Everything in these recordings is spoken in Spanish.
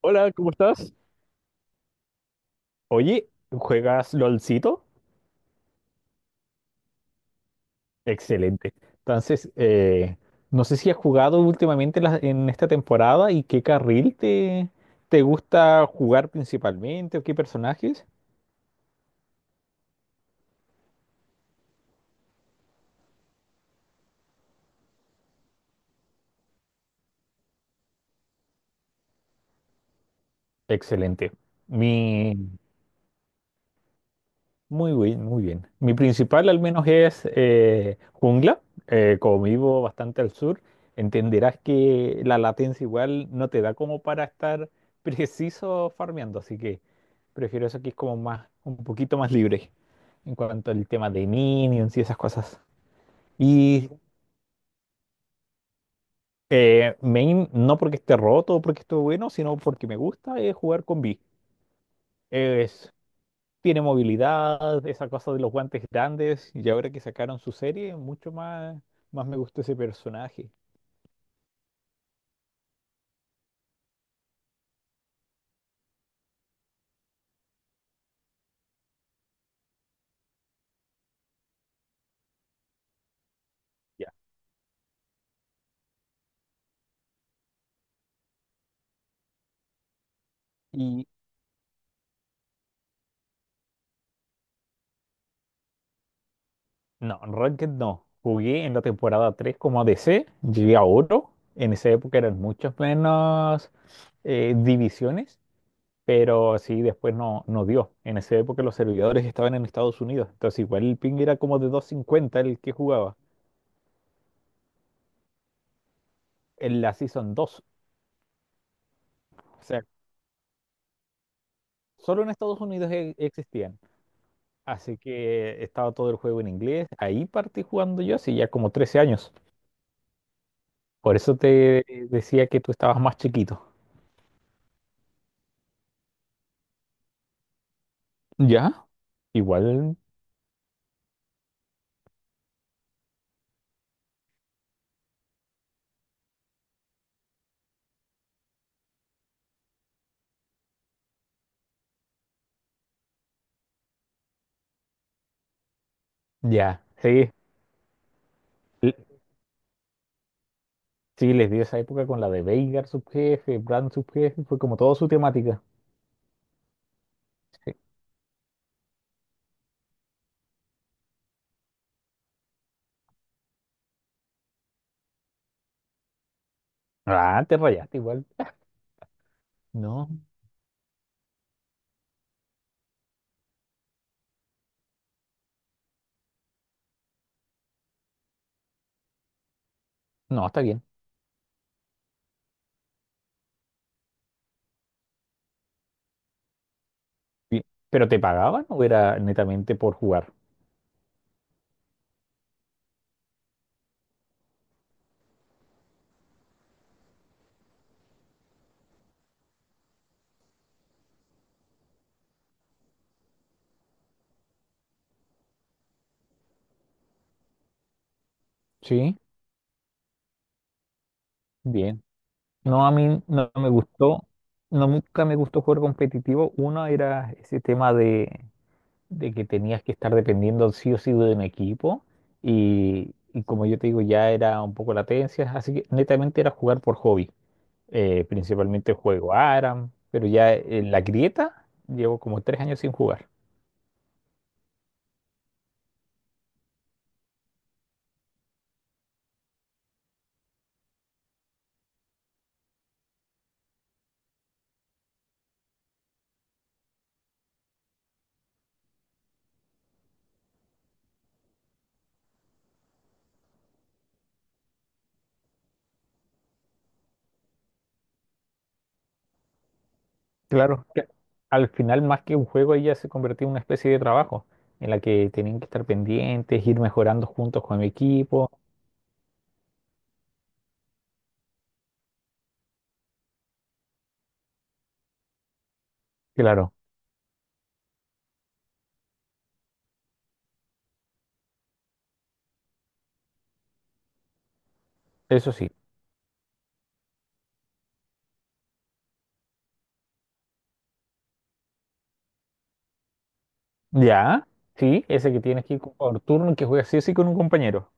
Hola, ¿cómo estás? Oye, ¿juegas LOLcito? Excelente. Entonces, no sé si has jugado últimamente en esta temporada y qué carril te gusta jugar principalmente o qué personajes. Excelente. Mi, Muy bien, muy bien. Mi principal al menos es jungla. Como vivo bastante al sur, entenderás que la latencia igual no te da como para estar preciso farmeando, así que prefiero eso que es como más, un poquito más libre en cuanto al tema de minions y esas cosas. Y main, no porque esté roto o porque esté bueno, sino porque me gusta es jugar con B. Tiene movilidad, esa cosa de los guantes grandes, y ahora que sacaron su serie, mucho más, más me gustó ese personaje. Ya. Y no, Ranked no. Jugué en la temporada 3 como ADC, llegué a oro. En esa época eran muchas menos divisiones, pero sí, después no, no dio. En esa época los servidores estaban en Estados Unidos, entonces igual el ping era como de 250 el que jugaba en la Season dos. O sea, solo en Estados Unidos existían. Así que estaba todo el juego en inglés. Ahí partí jugando yo hace ya como 13 años. Por eso te decía que tú estabas más chiquito. ¿Ya? Igual, ya. Sí, l- sí, les dio esa época con la de Veigar subjefe, Brand subjefe, fue como toda su temática. Sí. Ah, te rayaste igual. No, no, está bien. Bien. ¿Pero te pagaban o era netamente por jugar? Sí. Bien. No, a mí no me gustó, no, nunca me gustó jugar competitivo. Uno era ese tema de que tenías que estar dependiendo sí o sí de un equipo y como yo te digo ya era un poco latencia, así que netamente era jugar por hobby. Principalmente juego ARAM, pero ya en la grieta llevo como 3 años sin jugar. Claro. Que Al final más que un juego ella se convirtió en una especie de trabajo en la que tenían que estar pendientes, ir mejorando juntos con mi equipo, claro, eso sí, ya, sí, ese que tienes que ir por turno y que juegas sí o sí con un compañero,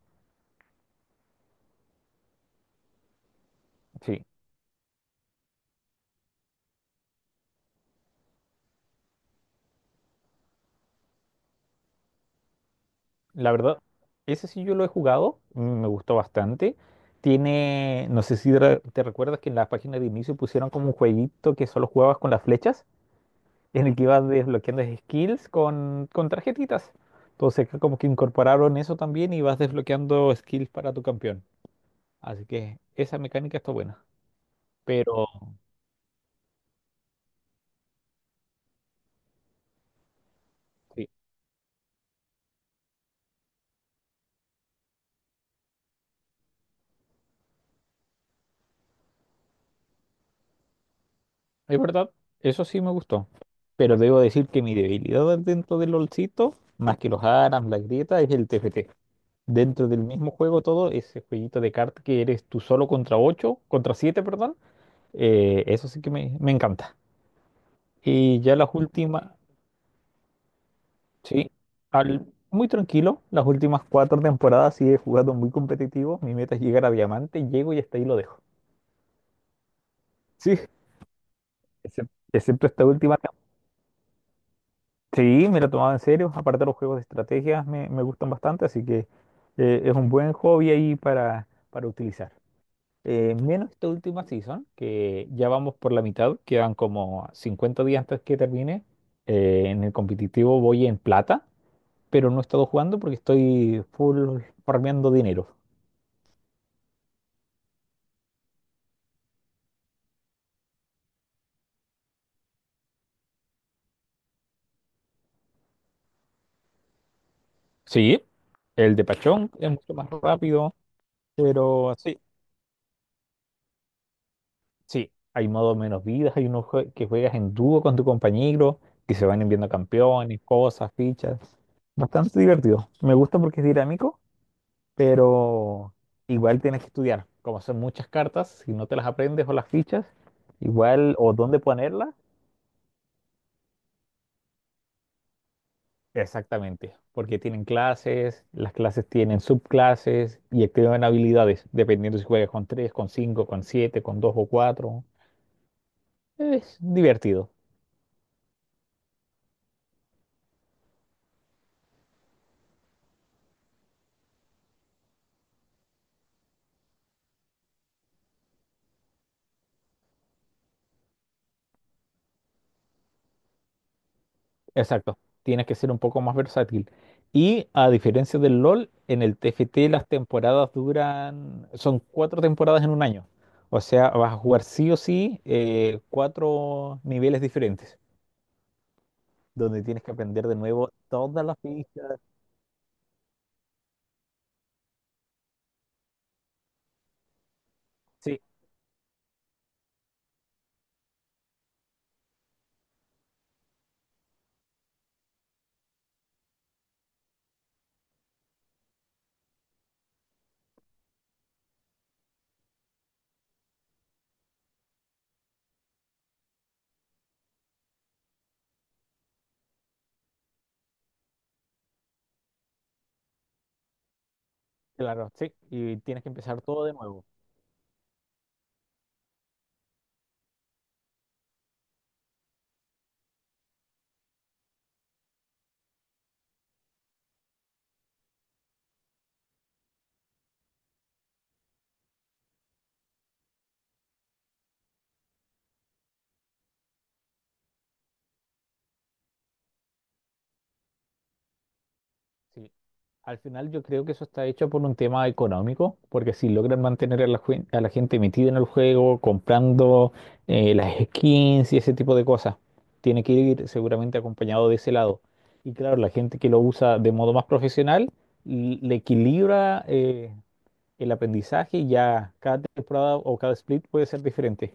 sí. La verdad, ese sí yo lo he jugado, me gustó bastante. Tiene, no sé si te recuerdas que en la página de inicio pusieron como un jueguito que solo jugabas con las flechas, en el que ibas desbloqueando skills con tarjetitas. Entonces acá como que incorporaron eso también y vas desbloqueando skills para tu campeón. Así que esa mecánica está buena. Pero sí, es verdad, eso sí me gustó. Pero debo decir que mi debilidad dentro del LOLcito, más que los ARAMS, la grieta, es el TFT, dentro del mismo juego todo, ese jueguito de cartas que eres tú solo contra ocho, contra siete, perdón, eso sí que me encanta. Y ya las últimas, sí, al- muy tranquilo, las últimas cuatro temporadas sí he jugado muy competitivo, mi meta es llegar a diamante, llego y hasta ahí lo dejo. Sí, excepto esta última. Sí, me lo tomaba en serio, aparte los juegos de estrategias me gustan bastante, así que es un buen hobby ahí para utilizar. Menos esta última season, que ya vamos por la mitad, quedan como 50 días antes que termine. En el competitivo voy en plata, pero no he estado jugando porque estoy full farmeando dinero. Sí, el de Pachón es mucho más rápido, pero sí, sí, hay modo menos vidas, hay unos que juegas en dúo con tu compañero, que se van enviando campeones, cosas, fichas. Bastante divertido. Me gusta porque es dinámico pero igual tienes que estudiar. Como son muchas cartas, si no te las aprendes o las fichas, igual, o dónde ponerlas, exactamente, porque tienen clases, las clases tienen subclases y activan habilidades, dependiendo si juegas con 3 con 5 con 7 con 2 o cuatro. Es divertido. Exacto, tienes que ser un poco más versátil. Y a diferencia del LOL, en el TFT las temporadas duran, son cuatro temporadas en un año. O sea, vas a jugar sí o sí cuatro niveles diferentes, donde tienes que aprender de nuevo todas las pistas. Sí, claro, sí, y tienes que empezar todo de nuevo. Sí. Al final yo creo que eso está hecho por un tema económico, porque si logran mantener a a la gente metida en el juego, comprando las skins y ese tipo de cosas, tiene que ir seguramente acompañado de ese lado. Y claro, la gente que lo usa de modo más profesional le equilibra el aprendizaje y ya cada temporada o cada split puede ser diferente.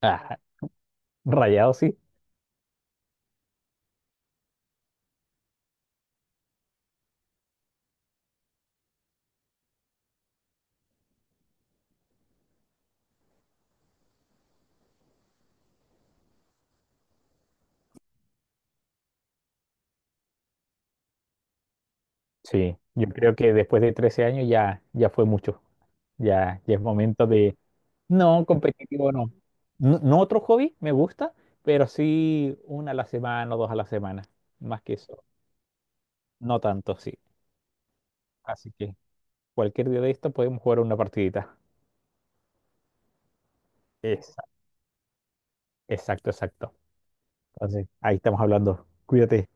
Ah, rayado, sí. Sí, yo creo que después de 13 años ya, ya fue mucho. Ya, ya es momento. No, competitivo no. No, no otro hobby, me gusta, pero sí una a la semana o dos a la semana. Más que eso, no tanto, sí. Así que cualquier día de esto podemos jugar una partidita. Exacto, exacto, exacto. Entonces, ahí estamos hablando. Cuídate.